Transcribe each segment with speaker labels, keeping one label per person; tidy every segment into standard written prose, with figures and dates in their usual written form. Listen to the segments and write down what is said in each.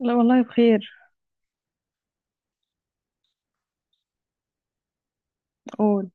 Speaker 1: لا والله بخير. قول.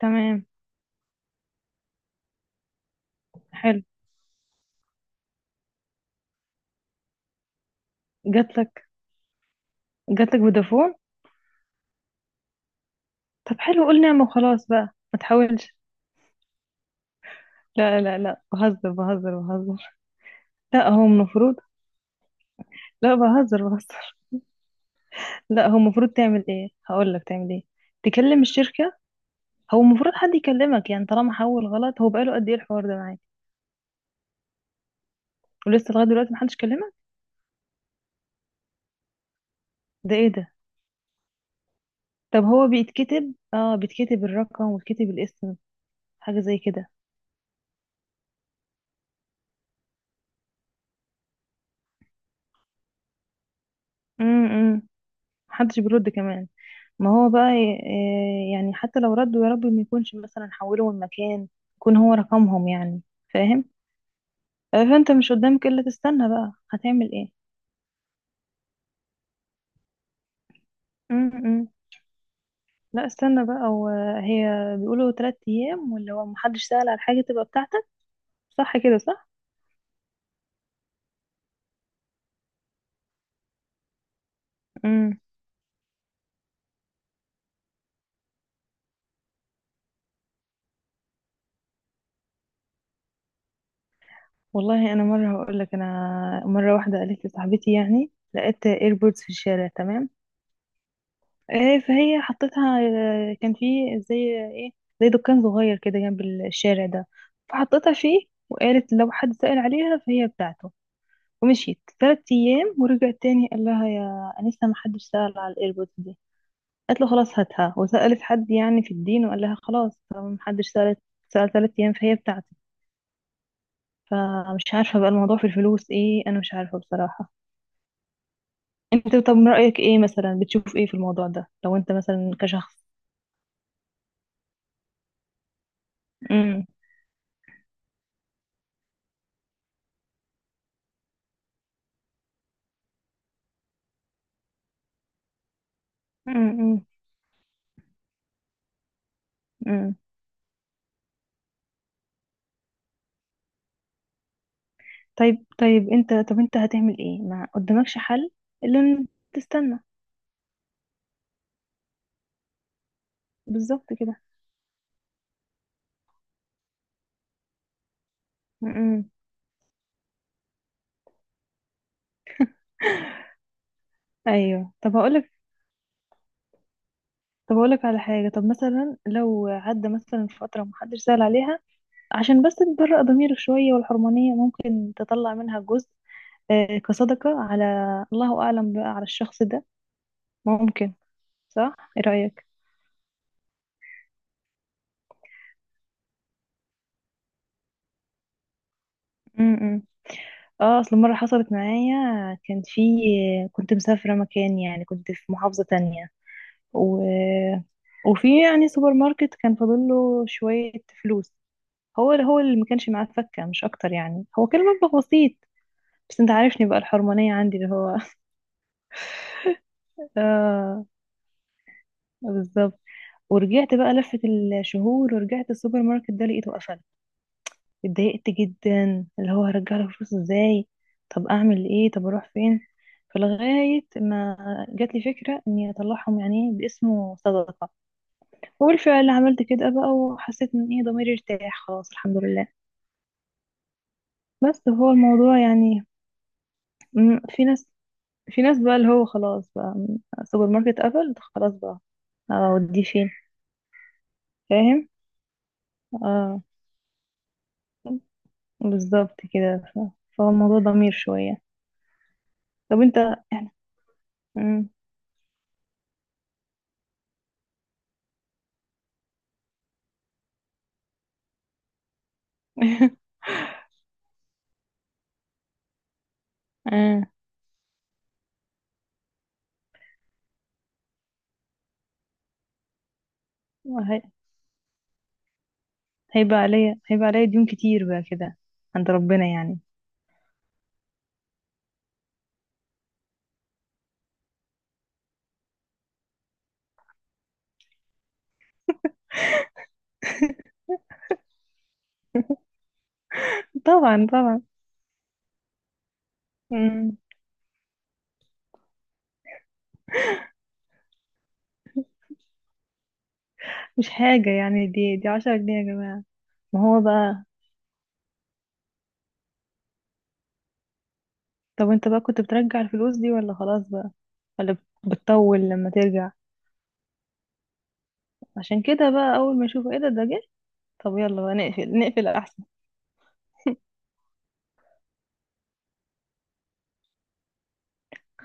Speaker 1: تمام. حلو. جاتلك. جاتلك فودافون؟ طب حلو، قول نعمة وخلاص بقى. ما تحاولش. لا لا لا، بهزر بهزر بهزر. لا هو المفروض. لا بهزر بهزر. لا هو المفروض تعمل ايه، هقول لك تعمل ايه. تكلم الشركة. هو المفروض حد يكلمك، يعني طالما حول غلط. هو بقاله قد ايه الحوار ده معاك؟ ولسه لغاية دلوقتي محدش كلمك؟ ده ايه ده؟ طب هو بيتكتب الرقم ويتكتب الاسم. حاجة زي كده. امم امم. محدش بيرد كمان. ما هو بقى. يعني حتى لو ردوا، يا رب ما يكونش مثلا حولوا المكان. يكون هو رقمهم يعني. فاهم؟ فانت مش قدامك الا تستنى بقى، هتعمل ايه؟ امم لا، استنى بقى وهي. بيقولوا 3 ايام، واللي هو محدش سأل على حاجة تبقى بتاعتك. صح كده، صح. امم والله انا مرة هقول لك، انا مرة واحدة قالت لي صاحبتي، يعني لقيت ايربودز في الشارع، تمام. فهي حطيتها. كان فيه زي ايه، زي دكان صغير كده جنب الشارع ده، فحطيتها فيه. وقالت لو حد سأل عليها فهي بتاعته. ومشيت 3 ايام ورجعت تاني. قال لها: يا انسه، ما حدش سأل على الايربودز دي. قالت له: خلاص هاتها. وسألت حد يعني في الدين، وقال لها: خلاص طالما ما حدش سأل 3 ايام فهي بتاعتي. فمش عارفه بقى الموضوع في الفلوس ايه، انا مش عارفه بصراحه. انت طب من رأيك ايه، مثلا بتشوف ايه في الموضوع ده لو انت مثلا كشخص؟ امم امم امم إمم. طيب طيب، انت طب انت هتعمل ايه؟ ما قدامكش حل الا ان تستنى. بالظبط كده. م-م. ايوه، طب هقولك. طب هقولك على حاجه، طب مثلا لو عدى مثلا فتره محدش سأل عليها، عشان بس تبرأ ضميرك شويه، والحرمانيه ممكن تطلع منها جزء كصدقه على الله اعلم بقى على الشخص ده. ممكن. صح، ايه رأيك؟ م-م. اه، اصل مره حصلت معايا. كان في. كنت مسافره مكان، يعني كنت في محافظه تانية. و... وفي يعني سوبر ماركت كان فاضل له شوية فلوس. هو اللي ما كانش معاه فكة، مش أكتر، يعني هو كان مبلغ بسيط. بس أنت عارفني بقى الحرمانية عندي اللي هو آه. بالظبط. ورجعت بقى لفة الشهور ورجعت السوبر ماركت ده لقيته قفل. اتضايقت جدا، اللي هو هرجع له فلوس ازاي؟ طب اعمل ايه؟ طب اروح فين؟ فلغاية ما جات لي فكرة اني اطلعهم يعني باسمه صدقة. وبالفعل عملت كده بقى، وحسيت ان ايه ضميري ارتاح، خلاص الحمد لله. بس هو الموضوع يعني. في ناس. في ناس بقى اللي هو خلاص بقى، سوبر ماركت قفل خلاص بقى، اوديه فين؟ فاهم. اه. بالظبط كده فهو الموضوع ضمير شوية. طب انت، يعني. مم. آه. وهي- هيبقى عليا ديون كتير بقى كده، عند ربنا يعني. طبعا طبعا. مم. مش حاجة يعني دي 10 جنيه يا جماعة. ما هو بقى. طب انت بقى كنت بترجع الفلوس دي ولا خلاص بقى؟ ولا بتطول لما ترجع؟ عشان كده بقى اول ما يشوفوا ايه ده، ده جه. طب يلا بقى نقفل احسن.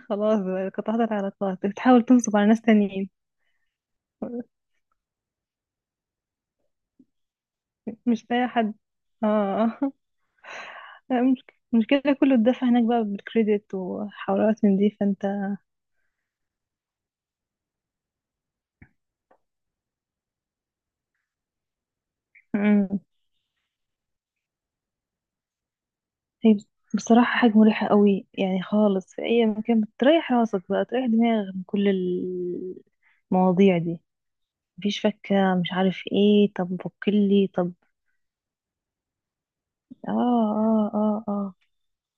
Speaker 1: خلاص بقى قطعت العلاقات، بتحاول تنصب على ناس تانيين؟ مش لاقي حد. اه مش- المشكلة كله اتدفع هناك بقى بالكريدت وحوارات من دي، فانت. مم. هي بصراحة حاجة مريحة قوي يعني خالص، في اي مكان بتريح راسك بقى، تريح دماغك من كل المواضيع دي. مفيش فكة، مش عارف ايه، طب وكلي طب. اه اه اه اه.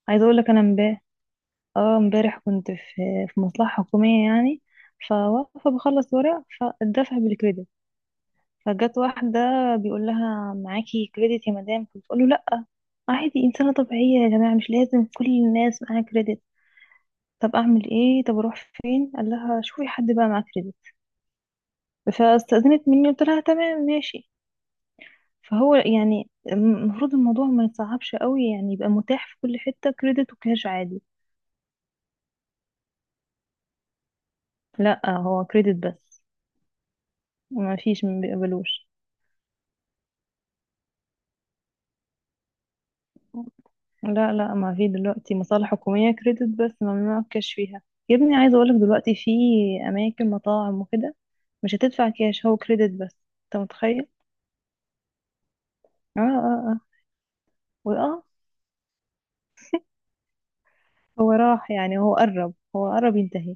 Speaker 1: عايزة اقول لك انا امبارح. اه، امبارح كنت في، في مصلحة حكومية يعني. فواقفة بخلص ورق، فالدفع بالكريدت. فجت واحدة. بيقول لها: معاكي كريدت يا مدام؟ فبتقول له: لا. عادي، إنسانة طبيعية يا جماعة، مش لازم كل الناس معاها كريدت. طب أعمل إيه؟ طب أروح فين؟ قال لها: شوفي حد بقى معاه كريدت. فاستأذنت مني، قلت لها: تمام ماشي. فهو يعني المفروض الموضوع ما يتصعبش قوي، يعني يبقى متاح في كل حتة كريدت وكاش عادي. لا هو كريدت بس. ما فيش، ما بيقبلوش. لا لا، ما في دلوقتي مصالح حكومية كريدت بس، ممنوع الكاش فيها. يا ابني عايزة اقولك دلوقتي في اماكن مطاعم وكده، مش هتدفع كاش، هو كريدت بس. انت متخيل؟ اه اه اه. واه. هو راح يعني، هو قرب ينتهي.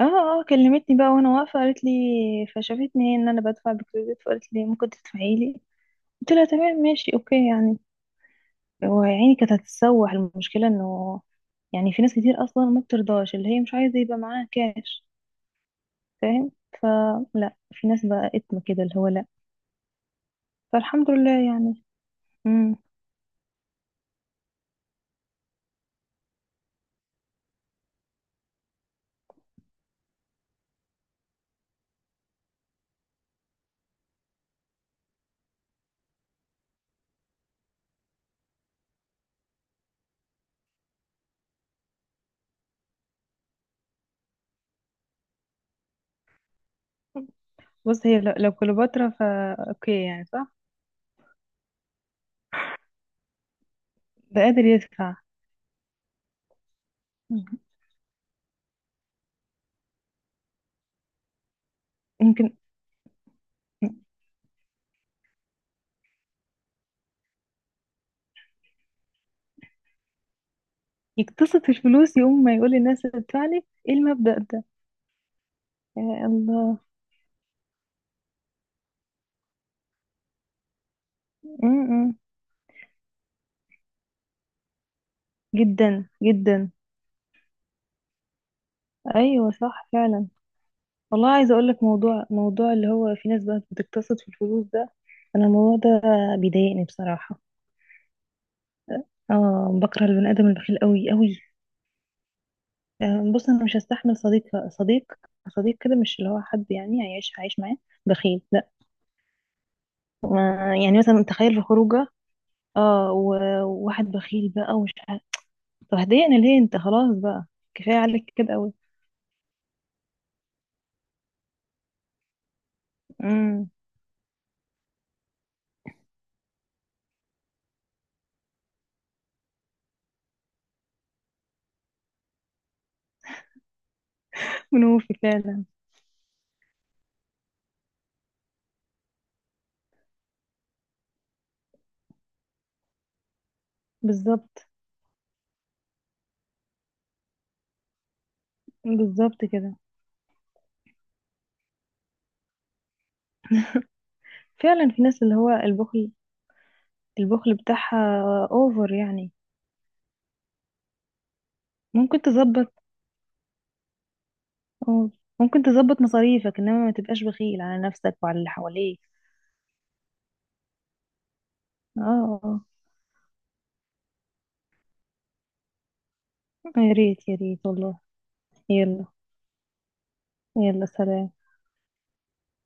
Speaker 1: اه. اه كلمتني بقى وانا واقفه، قالت لي. فشافتني هي ان انا بدفع بكريدت، فقالت لي: ممكن تدفعي لي؟ قلت لها: تمام ماشي، اوكي يعني. هو يا عيني كانت هتتسوح المشكله، انه يعني في ناس كتير اصلا ما بترضاش، اللي هي مش عايزه يبقى معاها كاش، فاهم. فلا، في ناس بقى اتم كده اللي هو لا. فالحمد لله يعني. امم بص، هي لو كليوباترا فا اوكي يعني، صح. ده قادر يدفع. مم. يمكن يقتصد في الفلوس يقوم ما يقول للناس ادفع لي، ايه المبدأ ده؟ يا الله. امم جدا جدا. ايوه صح فعلا. والله عايزه اقول لك موضوع اللي هو في ناس بقى بتقتصد في الفلوس ده، انا الموضوع ده بيضايقني بصراحه. اه، بكره البني ادم البخيل قوي قوي. آه بص، انا مش هستحمل صديق صديق، صديق كده، مش اللي هو حد يعني عايش معاه بخيل لا. ما يعني مثلا تخيل في خروجه، اه، وواحد بخيل بقى ومش عارف. طب هتضايقني ليه انت؟ خلاص بقى، كفايه عليك كده قوي. امم منوفي فعلا. بالظبط. بالظبط كده، فعلا في ناس اللي هو البخل، البخل بتاعها اوفر يعني. ممكن تظبط. اه. ممكن تظبط مصاريفك، انما ما تبقاش بخيل على نفسك وعلى اللي حواليك. اه. آه. يا ريت يا ريت والله. يلا. يلا سلام.